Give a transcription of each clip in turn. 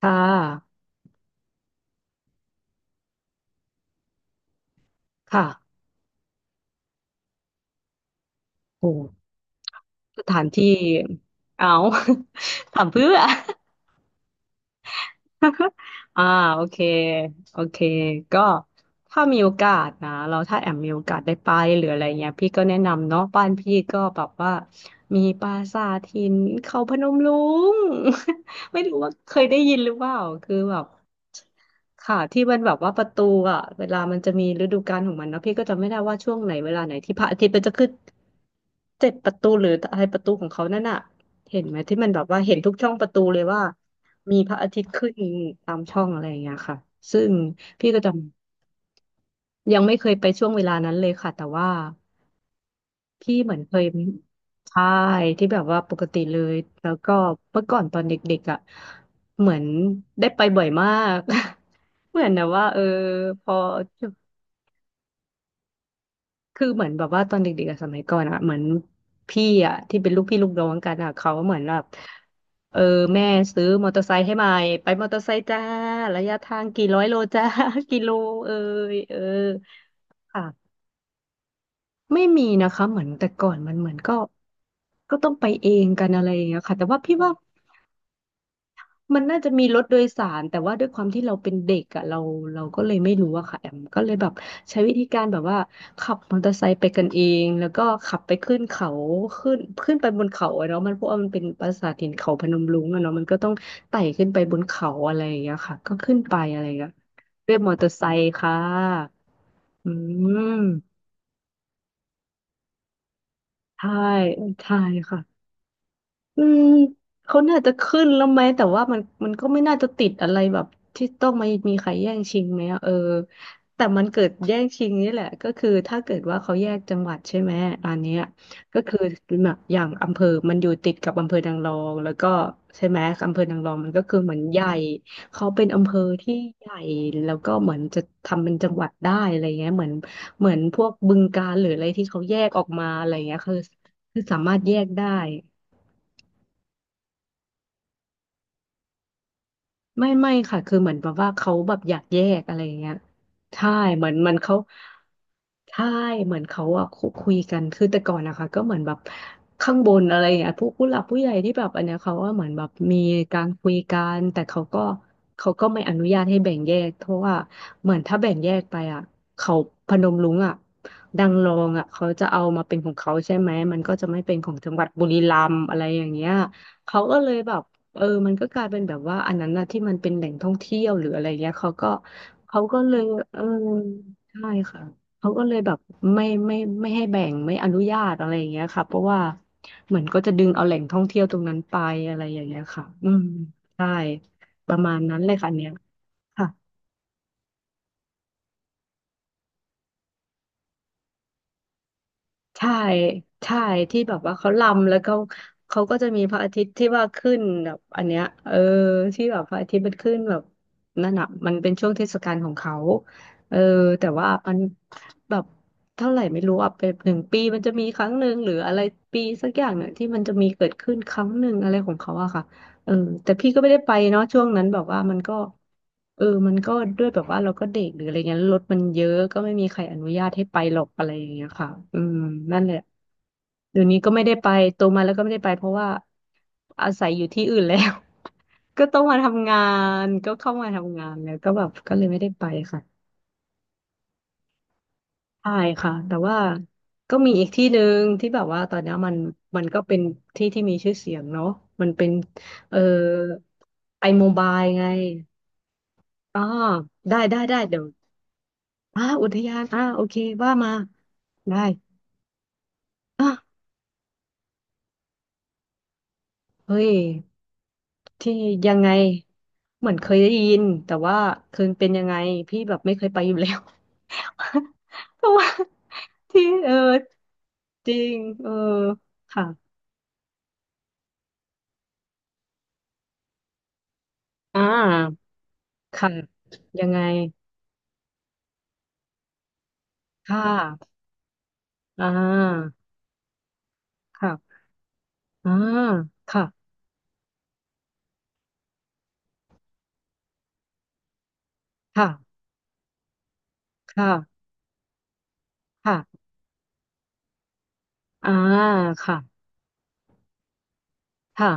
ค่ะค่ะโอ้สถานที่ เอา ถามเพื่อ อ่าโอเค โอเค ก็ ถ้ามีโอกาสนะ เราถ้าแอมมีโอกาสได้ไปหรืออะไรเงี้ยพี่ก็แนะนำเนาะบ้านพี่ก็แบบว่า มีปราสาทหินเขาพนมรุ้ง ไม่รู้ว่าเคยได้ยินหรือเปล่า คือแบบ ค่ะที่มันแบบว่าประตูอ่ะเวลามันจะมีฤดูกาลของมันเนอะพี่ก็จำไม่ได้ว่าช่วงไหนเวลาไหนที่พระอาทิตย์มันจะขึ้นเจ็ดประตูหรืออะไรประตูของเขานั่นน่ะเห็นไหมที่มันแบบว่าเห็นทุกช่องประตูเลยว่ามีพระอาทิตย์ขึ้นตามช่องอะไรอย่างเงี้ยค่ะซึ่งพี่ก็จำยังไม่เคยไปช่วงเวลานั้นเลยค่ะแต่ว่า พี่เหมือนเคยใช่ที่แบบว่าปกติเลยแล้วก็เมื่อก่อนตอนเด็กๆอ่ะเหมือนได้ไปบ่อยมาก เหมือนแบบว่าเออพอคือเหมือนแบบว่าตอนเด็กๆอะสมัยก่อนอ่ะเหมือนพี่อ่ะที่เป็นลูกพี่ลูกน้องกันอ่ะเขาเหมือนแบบเออแม่ซื้อมอเตอร์ไซค์ให้ใหม่ไปมอเตอร์ไซค์จ้าระยะทางกี่ร้อยโลจ้า กิโลเอยเออค่ะ ไม่มีนะคะเหมือนแต่ก่อนมันเหมือนก็ต้องไปเองกันอะไรอย่างเงี้ยค่ะแต่ว่าพี่ว่ามันน่าจะมีรถโดยสารแต่ว่าด้วยความที่เราเป็นเด็กอะเราก็เลยไม่รู้อะค่ะแอมก็เลยแบบใช้วิธีการแบบว่าขับมอเตอร์ไซค์ไปกันเองแล้วก็ขับไปขึ้นเขาขึ้นขึ้นไปบนเขาอะเนาะมันเพราะว่ามันเป็นปราสาทหินเขาพนมรุ้งอะเนาะมันก็ต้องไต่ขึ้นไปบนเขาอะไรอย่างเงี้ยค่ะก็ขึ้นไปอะไรอย่างเงี้ยด้วยมอเตอร์ไซค์ค่ะอืมใช่ใช่ค่ะ อืมเขาน่าจะขึ้นแล้วไหมแต่ว่ามันก็ไม่น่าจะติดอะไรแบบที่ต้องมามีใครแย่งชิงไหมอะเออแต่มันเกิดแย่งชิงนี่แหละก็คือถ้าเกิดว่าเขาแยกจังหวัดใช่ไหมอันเนี้ยก็คือแบบอย่างอำเภอมันอยู่ติดกับอำเภอนางรองแล้วก็ใช่ไหมอำเภอนางรองมันก็คือเหมือนใหญ่เขาเป็นอำเภอที่ใหญ่แล้วก็เหมือนจะทำเป็นจังหวัดได้อะไรเงี้ยเหมือนเหมือนพวกบึงกาฬหรืออะไรที่เขาแยกออกมาอะไรเงี้ยคือสามารถแยกได้ ไม่ค่ะคือเหมือนแบบว่าเขาแบบอยากแยกอะไรอย่างเงี้ยใช่เหมือนมันเขาใช่เหมือนเขาอะคุยกันคือแต่ก่อนนะคะก็เหมือนแบบข้างบนอะไรอย่างเงี้ยผู้หลักผู้ใหญ่ที่แบบอันเนี้ยเขาว่าเหมือนแบบมีการคุยกันแต่เขาก็ไม่อนุญาตให้แบ่งแยกเพราะว่าเหมือนถ้าแบ่งแยกไปอะเขาพนมรุ้งอะดังรองอะเขาจะเอามาเป็นของเขาใช่ไหมมันก็จะไม่เป็นของจังหวัดบุรีรัมย์อะไรอย่างเงี้ยเขาก็เลยแบบ เออมันก็กลายเป็นแบบว่าอันนั้นนะที่มันเป็นแหล่งท่องเที่ยวหรืออะไรเงี้ยเขาก็เลยเออใช่ค่ะเขาก็เลยแบบไม่ไม่ไม่ให้แบ่งไม่อนุญาตอะไรอย่างเงี้ยค่ะเพราะว่าเหมือนก็จะดึงเอาแหล่งท่องเที่ยวตรงนั้นไปอะไรอย่างเงี้ยค่ะอืมใช่ประมาณนั้นเลยค่ะอันเนี้ยค่ะ ใช่ใช่ ที่แบบว่าเขาลำแล้วเขาเขาก็จะมีพระอาทิตย์ที่ว่าขึ้นแบบอันเนี้ยเออที่แบบพระอาทิตย์มันขึ้นแบบนั่นอ่ะมันเป็นช่วงเทศกาลของเขาเออแต่ว่ามันแบบเท่าไหร่ไม่รู้อ่ะเป็นหนึ่งปีมันจะมีครั้งหนึ่งหรืออะไรปีสักอย่างเนี่ยที่มันจะมีเกิดขึ้นครั้งหนึ่งอะไรของเขาอะค่ะ เออแต่พี่ก็ไม่ได้ไปเนาะช่วงนั้นแบบว่ามันก็เออมันก็ด้วยแบบว่าเราก็เด็กหรืออะไรเงี้ยรถมันเยอะก็ไม่มีใครอนุญาตให้ไปหรอกอะไรอย่างเงี้ยค่ะอืมนั่นแหละเดี๋ยวนี้ก็ไม่ได้ไปโตมาแล้วก็ไม่ได้ไปเพราะว่าอาศัยอยู่ที่อื่นแล้ว ก็ต้องมาทำงานก็เข้ามาทำงานแล้วก็แบบก็เลยไม่ได้ไปค่ะ ใช่ค่ะแต่ว่าก็มีอีกที่หนึ่งที่แบบว่าตอนเนี้ยมันมันก็เป็นที่ที่มีชื่อเสียงเนาะมันเป็นเอ่อไอโมบายไงอ๋อได้ได้ได้เดี๋ยวอ่าอุทยานอ่าโอเคว่ามาได้อ่ะเฮ้ยที่ยังไงเหมือนเคยได้ยินแต่ว่าคืนเป็นยังไงพี่แบบไม่เคยไปอยู่แล้ว เพราะว่าที่เออจริงเออค่ะอ่า ค่ะยังไงค่ะอ่าค่ะอ่าค่ะค่ะค่ะค่ะอ่าค่ะค่ะ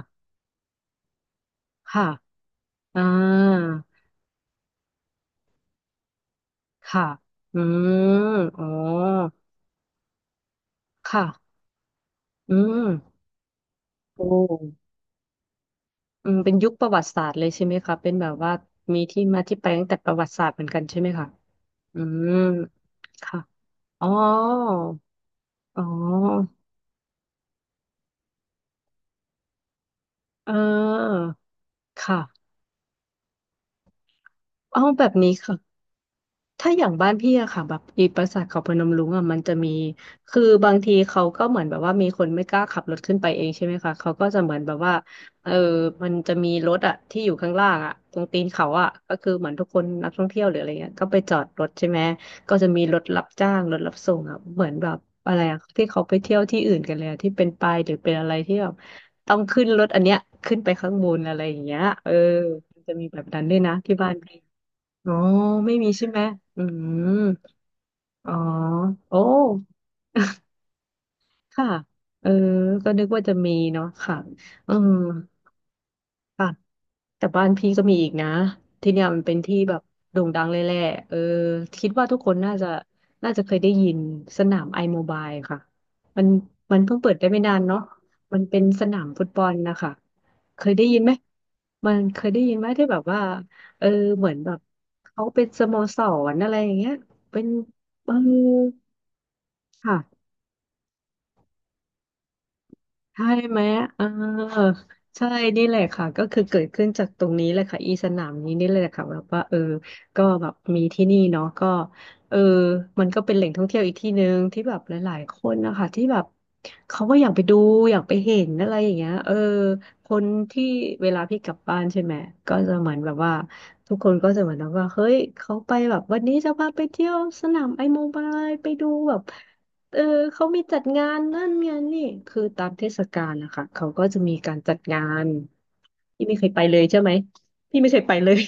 ค่ะอ่าค่ะอืมอ๋อค่ะอืมโอ้อืมเป็นยุคประวัติศาสตร์เลยใช่ไหมคะเป็นแบบว่ามีที่มาที่ไปตั้งแต่ประวัติศาสตร์เหมือนกันใช่ไหมคะอืมค่ะอ๋ออ๋อเออค่ะเอาแบบนี้ค่ะ ถ้าอย่างบ้านพี่อะค่ะแบบอีปราสาทเขาพนมรุ้งอะมันจะมีคือบางทีเขาก็เหมือนแบบว่ามีคนไม่กล้าขับรถขึ้นไปเองใช่ไหมคะเขาก็จะเหมือนแบบว่าเออมันจะมีรถอะที่อยู่ข้างล่างอะตรงตีนเขาอะก็คือเหมือนทุกคนนักท่องเที่ยวหรืออะไรเงี้ยก็ไปจอดรถใช่ไหมก็จะมีรถรับจ้างรถรับส่งอะเหมือนแบบอะไรอะที่เขาไปเที่ยวที่อื่นกันเลยอะที่เป็นปายหรือเป็นอะไรที่แบบต้องขึ้นรถอันเนี้ยขึ้นไปข้างบนอะไรอย่างเงี้ยเออมันจะมีแบบนั้นด้วยนะที่บ้านพี่ อ๋อไม่มีใช่ไหมอืมอ๋อโอ้ ค่ะ เออ ก็นึกว่าจะมีเนาะค่ะ อืม ค่ะแต่บ้านพี่ก็มีอีกนะที่เนี่ยมันเป็นที่แบบโด่งดังเลยแหละเออคิดว่าทุกคนน่าจะน่าจะเคยได้ยินสนามไอโมบายค่ะมันมันเพิ่งเปิดได้ไม่นานเนาะมันเป็นสนามฟุตบอลนะคะเคยได้ยินไหมมันเคยได้ยินไหมที่แบบว่าเออเหมือนแบบเขาเป็นสโมสรอะไรอย่างเงี้ยเป็นเออค่ะ ใช่ไหมเออใช่นี่แหละค่ะก็คือเกิดขึ้นจากตรงนี้เลยค่ะอีสนามนี้นี่เลยค่ะแบบว่าเออก็แบบมีที่นี่เนาะก็เออมันก็เป็นแหล่งท่องเที่ยวอีกที่หนึ่งที่แบบหลายๆคนนะคะที่แบบเขาก็อยากไปดูอยากไปเห็นอะไรอย่างเงี้ยเออคนที่เวลาพี่กลับบ้านใช่ไหมก็จะเหมือนแบบว่าทุกคนก็จะเหมือนแบบว่าเฮ้ยเขาไปแบบวันนี้จะพาไปเที่ยวสนามไอ้โมบายไปดูแบบ เออเขามีจัดงานนั่นงานนี่คือตามเทศกาลนะคะเขาก็จะมีการจัดงานพี่ไม่เคยไปเลยใช่ไหมพี่ไม่เคยไปเลย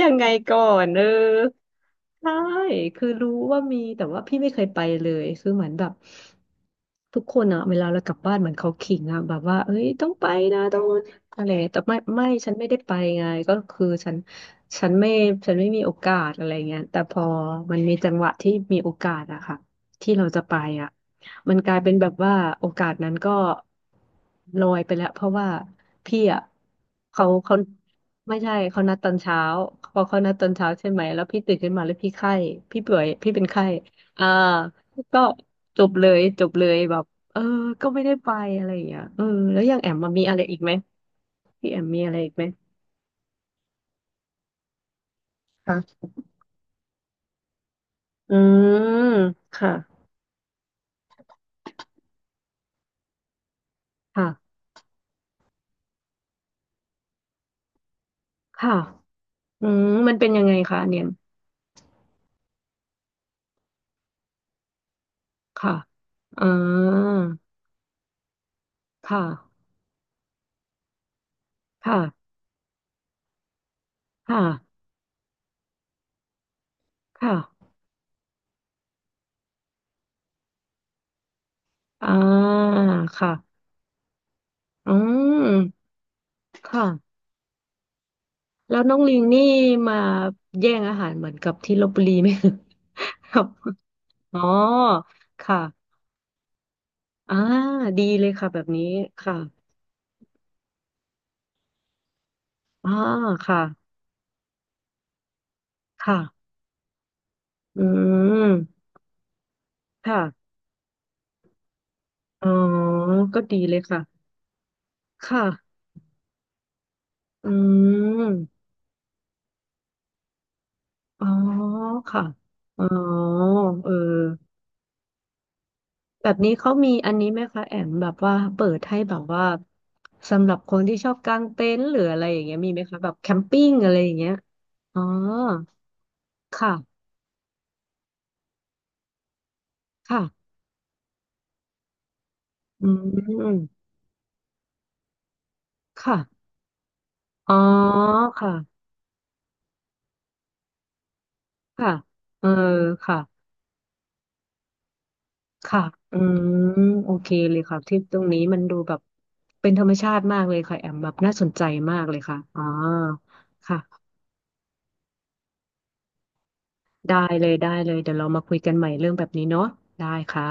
ยังไงก่อนเออใช่คือรู้ว่ามีแต่ว่าพี่ไม่เคยไปเลยคือเหมือนแบบทุกคนอะเวลาเรากลับบ้านเหมือนเขาขิงอะแบบว่าเอ้ยต้องไปนะต้องอะไรแต่ไม่ฉันไม่ได้ไปไงก็คือฉันฉันไม่ฉันไม่มีโอกาสอะไรเงี้ยแต่พอมันมีจังหวะที่มีโอกาสอะค่ะที่เราจะไปอะมันกลายเป็นแบบว่าโอกาสนั้นก็ลอยไปแล้วเพราะว่า พี่อ่ะเขาไม่ใช่เขานัดตอนเช้าพอเขานัดตอนเช้าใช่ไหมแล้วพี่ตื่นขึ้นมาแล้วพี่ไข้พี่ป่วยพี่เป็นไข้อ่าก็จบเลยจบเลยแบบเออก็ไม่ได้ไปอะไรอย่างเงี้ยเออแล้วอย่างแอมมามีอะไรอีกไหมพี่แอมมีอะไรอีกไหมคะอืมค่ะค่ะค่ะอืมมันเป็นยังไงคะอันเนี่ยค่ะอ่าค่ะค่ะค่ะค่ะอ่าค่ะอืมค่ะ แล้วน้องลิงนี่มาแย่งอาหารเหมือนกับที่ลพบุรีไหม ครับอ๋อค่ะอ่าดีเลยค่ะแบบนี้ค่ะอ่าค่ะค่ะอืมค่ะอ๋อก็ดีเลยค่ะค่ะอืมอ๋อค่ะอ๋อเออแบบนี้เขามีอันนี้ไหมคะแอมแบบว่าเปิดให้แบบว่าสำหรับคนที่ชอบกางเต็นท์หรืออะไรอย่างเงี้ยมีไหมคะแบบแคมปิ้งอะไรอย่างเงี้ยอ๋อ ค่ะค่ะอืมค่ะอ๋อค่ะค่ะเออค่ะค่ะอืมโอเคเลยค่ะที่ตรงนี้มันดูแบบเป็นธรรมชาติมากเลยค่ะแอมแบบน่าสนใจมากเลยค่ะอ๋อค่ะได้เลยได้เลยเดี๋ยวเรามาคุยกันใหม่เรื่องแบบนี้เนาะได้ค่ะ